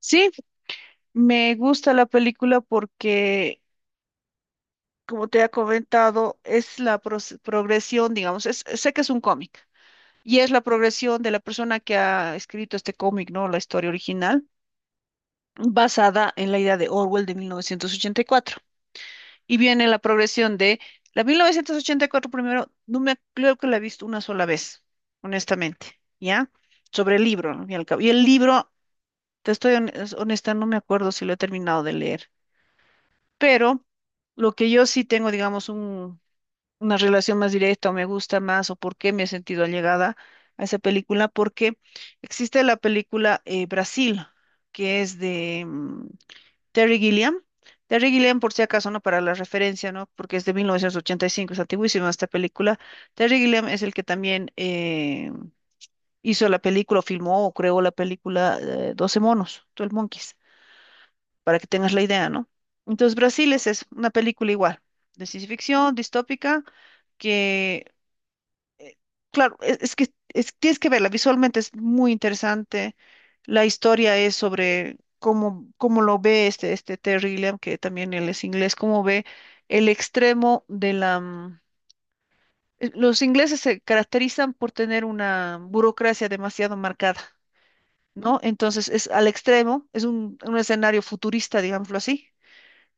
Sí, me gusta la película porque, como te he comentado, es la progresión, digamos, sé que es un cómic y es la progresión de la persona que ha escrito este cómic, ¿no? La historia original, basada en la idea de Orwell de 1984. Y cuatro. Y viene la progresión de la 1984 primero, no me creo que la he visto una sola vez, honestamente, ¿ya? Sobre el libro, ¿no? Y el libro, te estoy honesta, no me acuerdo si lo he terminado de leer. Pero lo que yo sí tengo, digamos, una relación más directa o me gusta más o por qué me he sentido allegada a esa película, porque existe la película Brasil, que es de Terry Gilliam. Terry Gilliam, por si acaso, ¿no? Para la referencia, ¿no? Porque es de 1985, es antiguísima esta película. Terry Gilliam es el que también hizo la película, o filmó o creó la película, 12 monos, 12 Monkeys, para que tengas la idea, ¿no? Entonces, Brasil es eso, una película igual, de ciencia ficción, distópica, que, eh, claro, es que tienes que verla, visualmente es muy interesante. La historia es sobre cómo lo ve este Terry Gilliam, que también él es inglés. Cómo ve el extremo de los ingleses se caracterizan por tener una burocracia demasiado marcada, ¿no? Entonces es al extremo, es un escenario futurista, digámoslo así,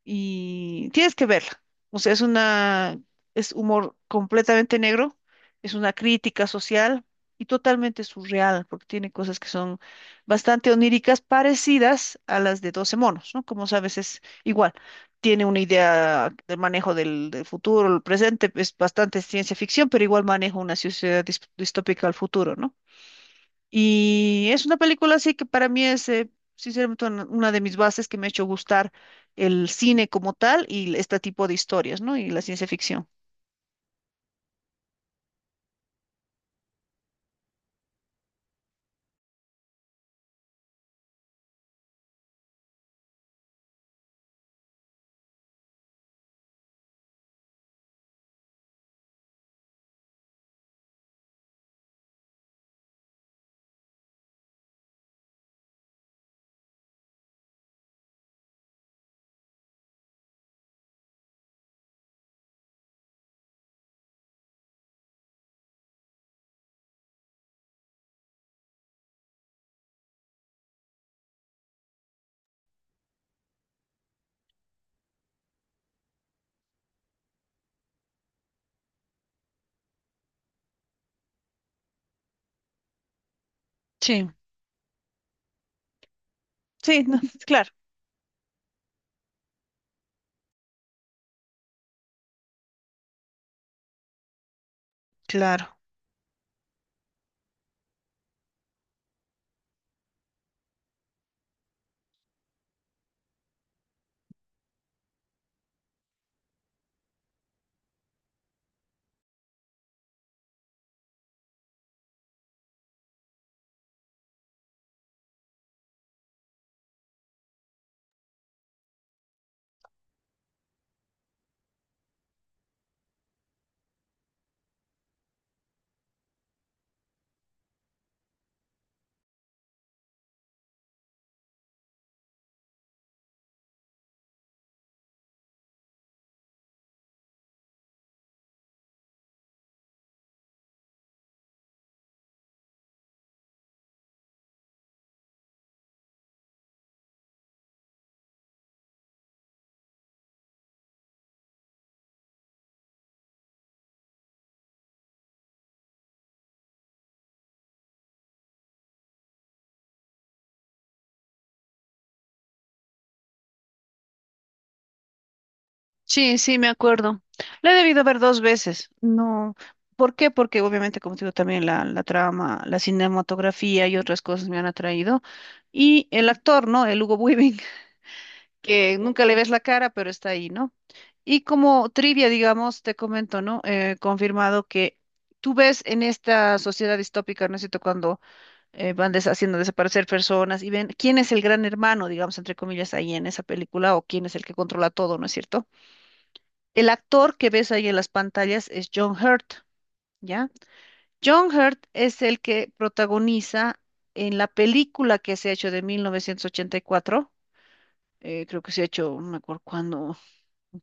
y tienes que verla. O sea, es una, es humor completamente negro, es una crítica social y totalmente surreal, porque tiene cosas que son bastante oníricas, parecidas a las de 12 monos, ¿no? Como sabes, es igual. Tiene una idea del manejo del futuro, el presente, es bastante ciencia ficción, pero igual maneja una sociedad distópica al futuro, ¿no? Y es una película así que para mí es, sinceramente, una de mis bases que me ha hecho gustar el cine como tal y este tipo de historias, ¿no? Y la ciencia ficción. Sí, sí, no, claro, claro. Sí, sí, me acuerdo. La he debido ver dos veces. No, ¿por qué? Porque obviamente, como te digo, también la trama, la cinematografía y otras cosas me han atraído. Y el actor, ¿no? El Hugo Weaving, que nunca le ves la cara, pero está ahí, ¿no? Y como trivia, digamos, te comento, ¿no? Confirmado que tú ves en esta sociedad distópica, ¿no es cierto?, cuando van haciendo desaparecer personas y ven quién es el gran hermano, digamos, entre comillas, ahí en esa película, o quién es el que controla todo, ¿no es cierto? El actor que ves ahí en las pantallas es John Hurt, ¿ya? John Hurt es el que protagoniza en la película que se ha hecho de 1984. Creo que se ha hecho, no me acuerdo cuándo,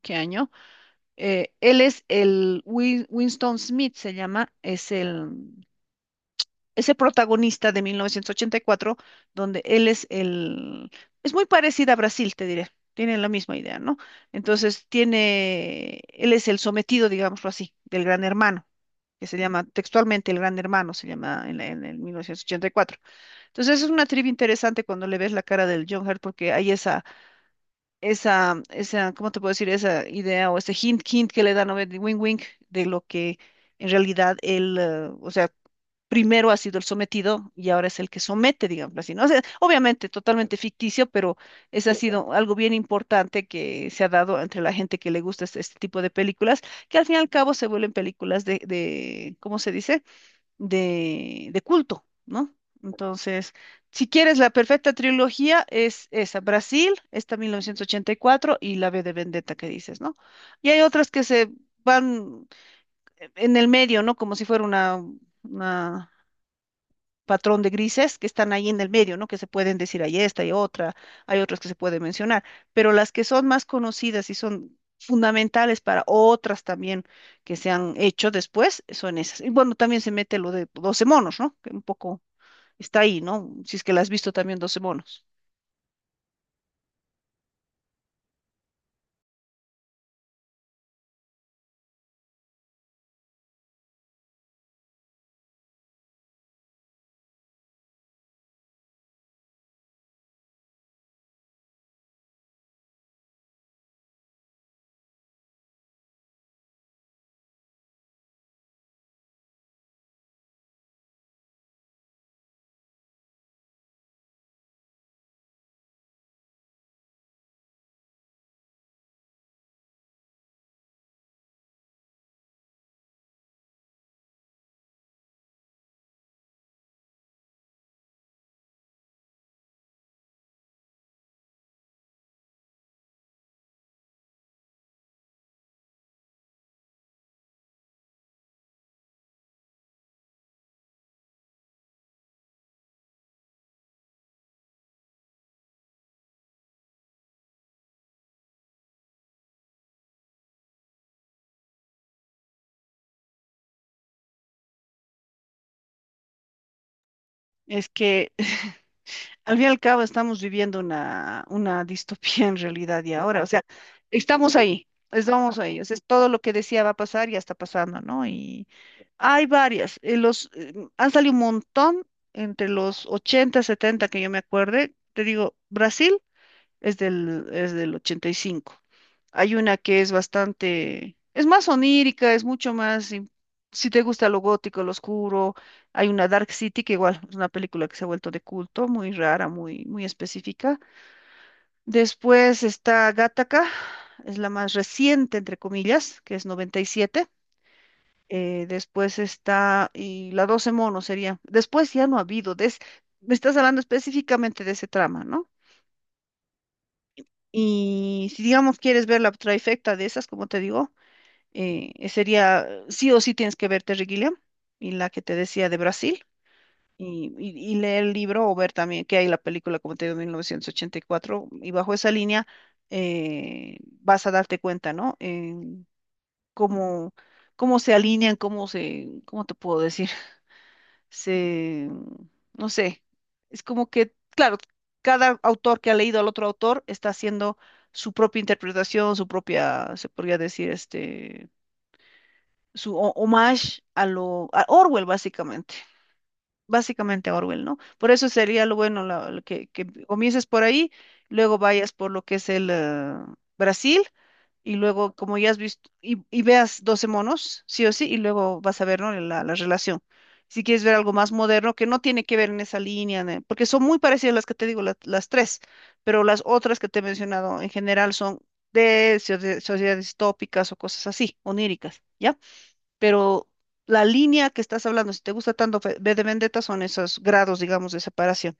qué año. Él es el Winston Smith, se llama, es el ese protagonista de 1984, donde él es el, es muy parecida a Brasil, te diré. Tienen la misma idea, ¿no? Entonces tiene, él es el sometido, digámoslo así, del gran hermano, que se llama textualmente el gran hermano, se llama en, en el 1984. Entonces es una trivia interesante cuando le ves la cara del John Hurt, porque hay esa, esa, esa, ¿cómo te puedo decir? Esa idea o ese hint que le dan, ¿no? De wing de lo que en realidad él, o sea, primero ha sido el sometido y ahora es el que somete, digamos así, ¿no? O sea, obviamente totalmente ficticio, pero ese ha sido algo bien importante que se ha dado entre la gente que le gusta este tipo de películas, que al fin y al cabo se vuelven películas de, ¿cómo se dice?, de culto, ¿no? Entonces, si quieres la perfecta trilogía, es esa: Brasil, esta 1984 y cuatro y la B de Vendetta que dices, ¿no? Y hay otras que se van en el medio, ¿no? Como si fuera una patrón de grises que están ahí en el medio, ¿no? Que se pueden decir, hay esta, hay otra, hay otras que se pueden mencionar, pero las que son más conocidas y son fundamentales para otras también que se han hecho después, son esas. Y bueno, también se mete lo de 12 monos, ¿no? Que un poco está ahí, ¿no? Si es que la has visto también, doce monos. Es que al fin y al cabo estamos viviendo una distopía en realidad y ahora, o sea, estamos ahí, o sea, es todo lo que decía va a pasar, ya está pasando, ¿no? Y hay varias, han salido un montón entre los 80 70 que yo me acuerde, te digo, Brasil es es del ochenta y cinco. Hay una que es bastante, es más onírica, es mucho más, si te gusta lo gótico, lo oscuro, hay una, Dark City, que igual es una película que se ha vuelto de culto, muy rara, muy, muy específica. Después está Gattaca, es la más reciente, entre comillas, que es 97. Después está, y la 12 monos sería. Después ya no ha habido, me estás hablando específicamente de ese trama, ¿no? Y si, digamos, quieres ver la trifecta de esas, como te digo, sería, sí o sí tienes que ver Terry Gilliam y la que te decía de Brasil, y leer el libro o ver también que hay la película, como te digo, 1984, y cuatro, y bajo esa línea vas a darte cuenta, ¿no? En cómo, cómo se alinean, cómo se, ¿cómo te puedo decir?, se, no sé, es como que, claro, cada autor que ha leído al otro autor está haciendo su propia interpretación, su propia, se podría decir, este, su homage a lo, a Orwell, básicamente Orwell, ¿no? Por eso sería lo bueno, lo que comiences por ahí, luego vayas por lo que es el Brasil, y luego, como ya has visto, y veas 12 monos, sí o sí, y luego vas a ver, ¿no?, la relación. Si quieres ver algo más moderno, que no tiene que ver en esa línea, porque son muy parecidas las que te digo, las tres, pero las otras que te he mencionado en general son de sociedades tópicas o cosas así, oníricas, ¿ya? Pero la línea que estás hablando, si te gusta tanto V de Vendetta, son esos grados, digamos, de separación.